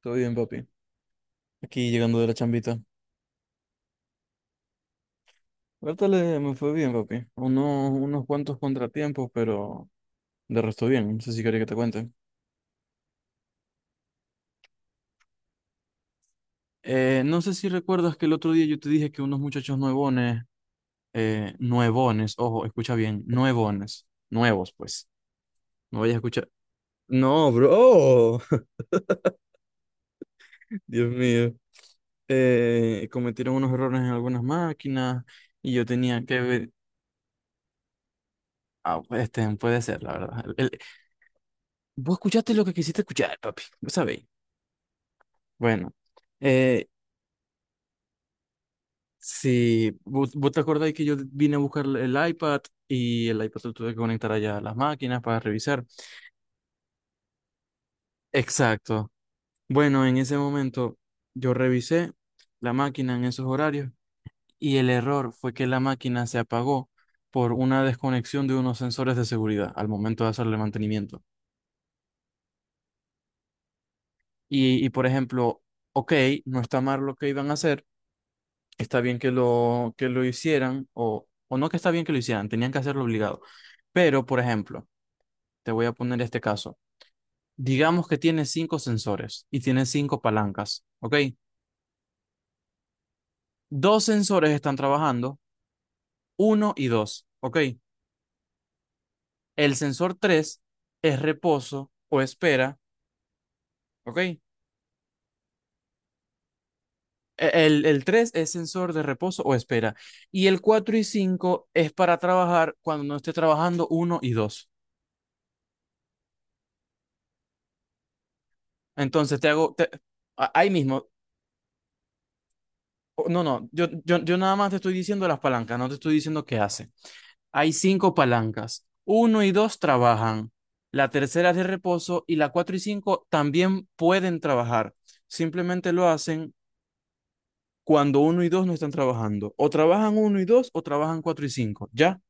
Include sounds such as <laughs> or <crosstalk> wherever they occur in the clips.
Todo bien, papi. Aquí llegando de la chambita. Ahorita me fue bien, papi. Unos cuantos contratiempos, pero de resto bien. No sé si quería que te cuente. No sé si recuerdas que el otro día yo te dije que unos muchachos nuevones, nuevones, ojo, escucha bien, nuevones, nuevos, pues. No vayas a escuchar. No, bro. <laughs> Dios mío. Cometieron unos errores en algunas máquinas y yo tenía que ver. Ah, pues, este, puede ser, la verdad. Vos escuchaste lo que quisiste escuchar, papi. Vos sabéis. Bueno, eh, si vos te acordáis que yo vine a buscar el iPad y el iPad lo tuve que conectar allá a las máquinas para revisar. Exacto. Bueno, en ese momento yo revisé la máquina en esos horarios y el error fue que la máquina se apagó por una desconexión de unos sensores de seguridad al momento de hacerle mantenimiento. Y por ejemplo, ok, no está mal lo que iban a hacer, está bien que lo hicieran, o no que está bien que lo hicieran, tenían que hacerlo obligado. Pero, por ejemplo, te voy a poner este caso. Digamos que tiene cinco sensores y tiene cinco palancas, ¿ok? Dos sensores están trabajando, uno y dos, ¿ok? El sensor 3 es reposo o espera, ¿ok? El 3 es sensor de reposo o espera. Y el 4 y 5 es para trabajar cuando no esté trabajando uno y dos. Entonces ahí mismo, no, no, yo nada más te estoy diciendo las palancas, no te estoy diciendo qué hace. Hay cinco palancas, uno y dos trabajan, la tercera es de reposo y la cuatro y cinco también pueden trabajar. Simplemente lo hacen cuando uno y dos no están trabajando. O trabajan uno y dos o trabajan cuatro y cinco, ¿ya?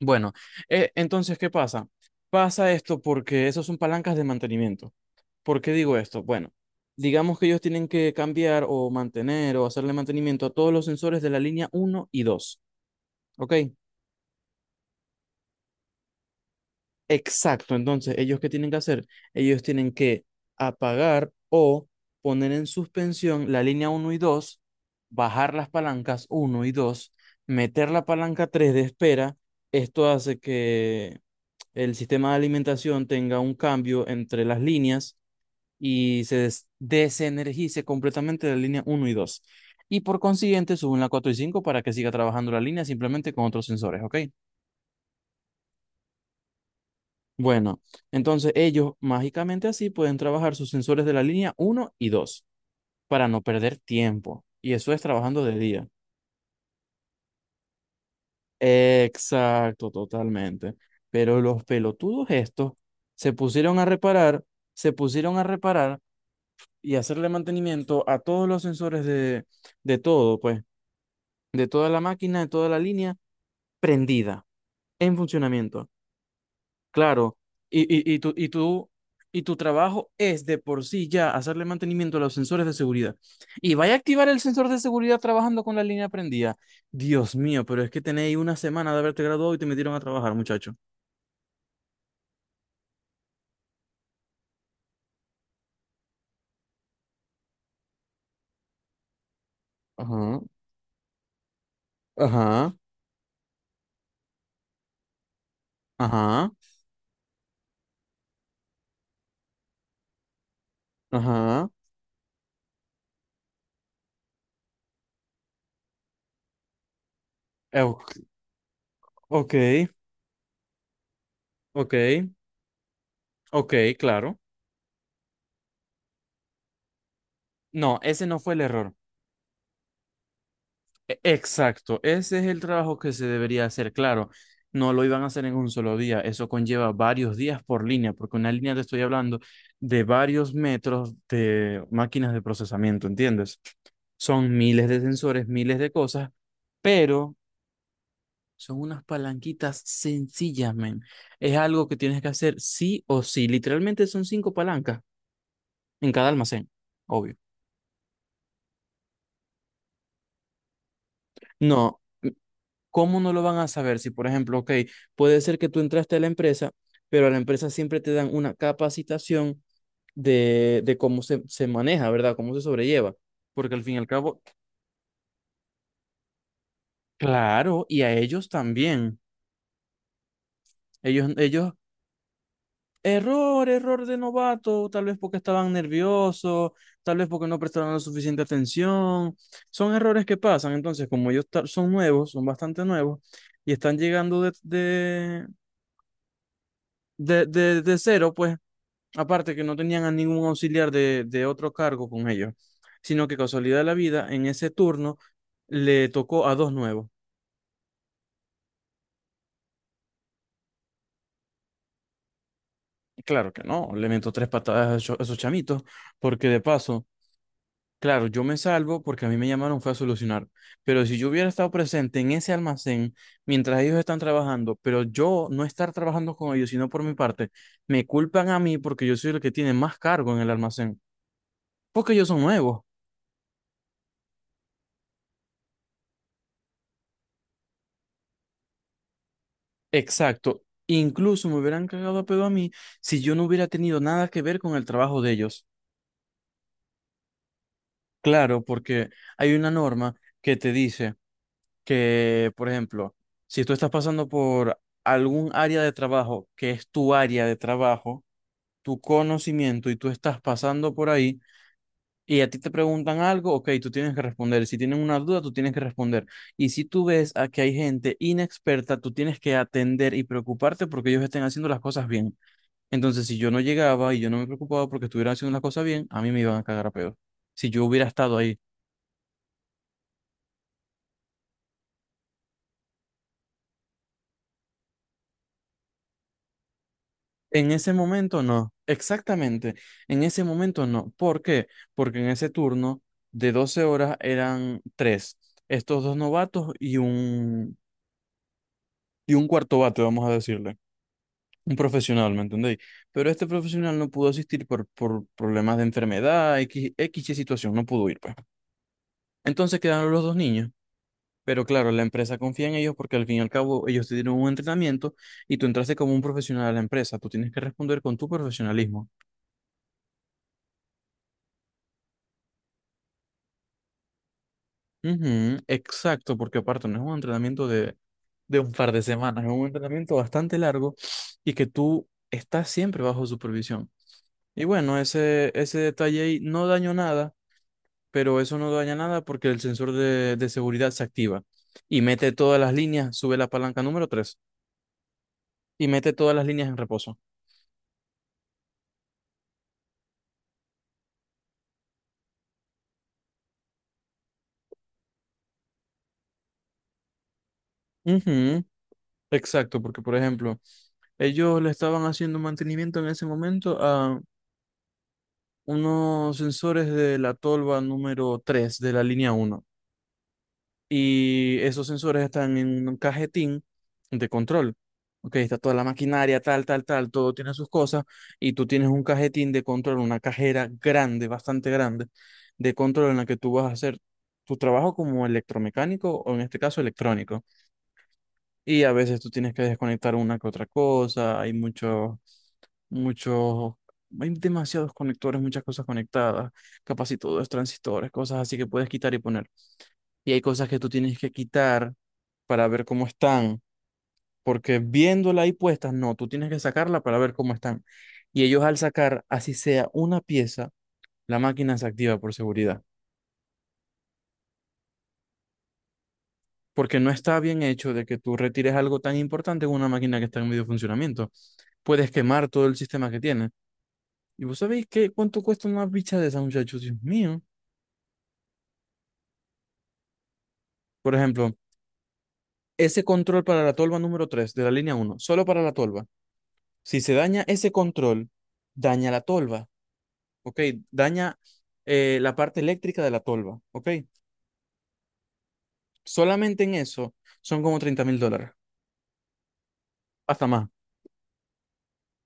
Bueno, entonces, ¿qué pasa? Pasa esto porque esos son palancas de mantenimiento. ¿Por qué digo esto? Bueno, digamos que ellos tienen que cambiar o mantener o hacerle mantenimiento a todos los sensores de la línea uno y dos, ¿ok? Exacto, entonces, ¿ellos qué tienen que hacer? Ellos tienen que apagar o poner en suspensión la línea uno y 2, bajar las palancas uno y 2, meter la palanca 3 de espera. Esto hace que el sistema de alimentación tenga un cambio entre las líneas y desenergice completamente la línea uno y dos. Y por consiguiente, suben la 4 y 5 para que siga trabajando la línea simplemente con otros sensores, ¿ok? Bueno, entonces ellos mágicamente así pueden trabajar sus sensores de la línea uno y 2 para no perder tiempo. Y eso es trabajando de día. Exacto, totalmente. Pero los pelotudos estos se pusieron a reparar, se pusieron a reparar y hacerle mantenimiento a todos los sensores de todo, pues. De toda la máquina, de toda la línea, prendida, en funcionamiento. Claro, y, y, y, tu, y, tu, y tu trabajo es de por sí ya hacerle mantenimiento a los sensores de seguridad. Y vaya a activar el sensor de seguridad trabajando con la línea prendida. Dios mío, pero es que tenéis una semana de haberte graduado y te metieron a trabajar, muchacho. Ajá, ajá, ajá, ajá. Eh, ok, ok, ok, claro. No, ese no fue el error. Exacto, ese es el trabajo que se debería hacer, claro. No lo iban a hacer en un solo día, eso conlleva varios días por línea, porque una línea te estoy hablando de varios metros de máquinas de procesamiento, ¿entiendes? Son miles de sensores, miles de cosas, pero son unas palanquitas sencillas, men. Es algo que tienes que hacer sí o sí. Literalmente son cinco palancas en cada almacén, obvio. No, ¿cómo no lo van a saber? Si, por ejemplo, ok, puede ser que tú entraste a la empresa, pero a la empresa siempre te dan una capacitación de cómo se maneja, ¿verdad? Cómo se sobrelleva. Porque al fin y al cabo, claro, y a ellos también. Ellos, ellos, error de novato, tal vez porque estaban nerviosos, tal vez porque no prestaron la suficiente atención. Son errores que pasan. Entonces, como ellos son nuevos, son bastante nuevos, y están llegando de cero, pues. Aparte que no tenían a ningún auxiliar de otro cargo con ellos, sino que casualidad de la vida, en ese turno le tocó a dos nuevos. Y claro que no, le meto tres patadas a esos chamitos, porque de paso, claro, yo me salvo porque a mí me llamaron fue a solucionar, pero si yo hubiera estado presente en ese almacén mientras ellos están trabajando, pero yo no estar trabajando con ellos, sino por mi parte, me culpan a mí porque yo soy el que tiene más cargo en el almacén, porque ellos son nuevos. Exacto. Incluso me hubieran cagado a pedo a mí si yo no hubiera tenido nada que ver con el trabajo de ellos. Claro, porque hay una norma que te dice que, por ejemplo, si tú estás pasando por algún área de trabajo que es tu área de trabajo, tu conocimiento y tú estás pasando por ahí y a ti te preguntan algo, ok, tú tienes que responder. Si tienen una duda, tú tienes que responder. Y si tú ves a que hay gente inexperta, tú tienes que atender y preocuparte porque ellos estén haciendo las cosas bien. Entonces, si yo no llegaba y yo no me preocupaba porque estuviera haciendo las cosas bien, a mí me iban a cagar a peor. Si yo hubiera estado ahí. En ese momento no, exactamente. En ese momento no. ¿Por qué? Porque en ese turno de 12 horas eran tres. Estos dos novatos y y un cuarto bate, vamos a decirle. Un profesional, ¿me entendéis? Pero este profesional no pudo asistir por problemas de enfermedad, X, X y situación, no pudo ir, pues. Entonces quedaron los dos niños. Pero claro, la empresa confía en ellos porque al fin y al cabo ellos te dieron un entrenamiento y tú entraste como un profesional a la empresa. Tú tienes que responder con tu profesionalismo. Ujú, exacto, porque aparte no es un entrenamiento de un par de semanas, es un entrenamiento bastante largo y que tú estás siempre bajo supervisión. Y bueno, ese detalle ahí no dañó nada, pero eso no daña nada porque el sensor de seguridad se activa y mete todas las líneas, sube la palanca número 3 y mete todas las líneas en reposo. Ujú, exacto, porque por ejemplo, ellos le estaban haciendo mantenimiento en ese momento a unos sensores de la tolva número 3 de la línea uno. Y esos sensores están en un cajetín de control. Ok, está toda la maquinaria, tal, tal, tal, todo tiene sus cosas. Y tú tienes un cajetín de control, una cajera grande, bastante grande, de control en la que tú vas a hacer tu trabajo como electromecánico o en este caso electrónico. Y a veces tú tienes que desconectar una que otra cosa, hay muchos, muchos, hay demasiados conectores, muchas cosas conectadas, capaz y todo es transistores, cosas así que puedes quitar y poner. Y hay cosas que tú tienes que quitar para ver cómo están, porque viéndola ahí puestas, no, tú tienes que sacarla para ver cómo están. Y ellos al sacar, así sea una pieza, la máquina se activa por seguridad, porque no está bien hecho de que tú retires algo tan importante en una máquina que está en medio funcionamiento. Puedes quemar todo el sistema que tienes. ¿Y vos sabéis qué, cuánto cuesta una bicha de esa, muchachos? Dios mío. Por ejemplo, ese control para la tolva número 3 de la línea uno, solo para la tolva. Si se daña ese control, daña la tolva, ¿ok? Daña la parte eléctrica de la tolva, ¿ok? Solamente en eso son como $30.000, hasta más,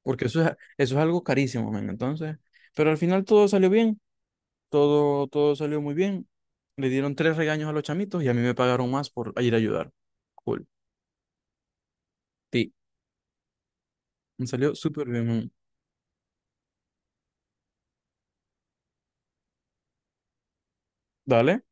porque eso es algo carísimo, man. Entonces, pero al final todo salió bien, todo, todo salió muy bien. Le dieron tres regaños a los chamitos y a mí me pagaron más por ir a ayudar. Cool. Sí. Me salió súper bien. ¿Eh? Dale.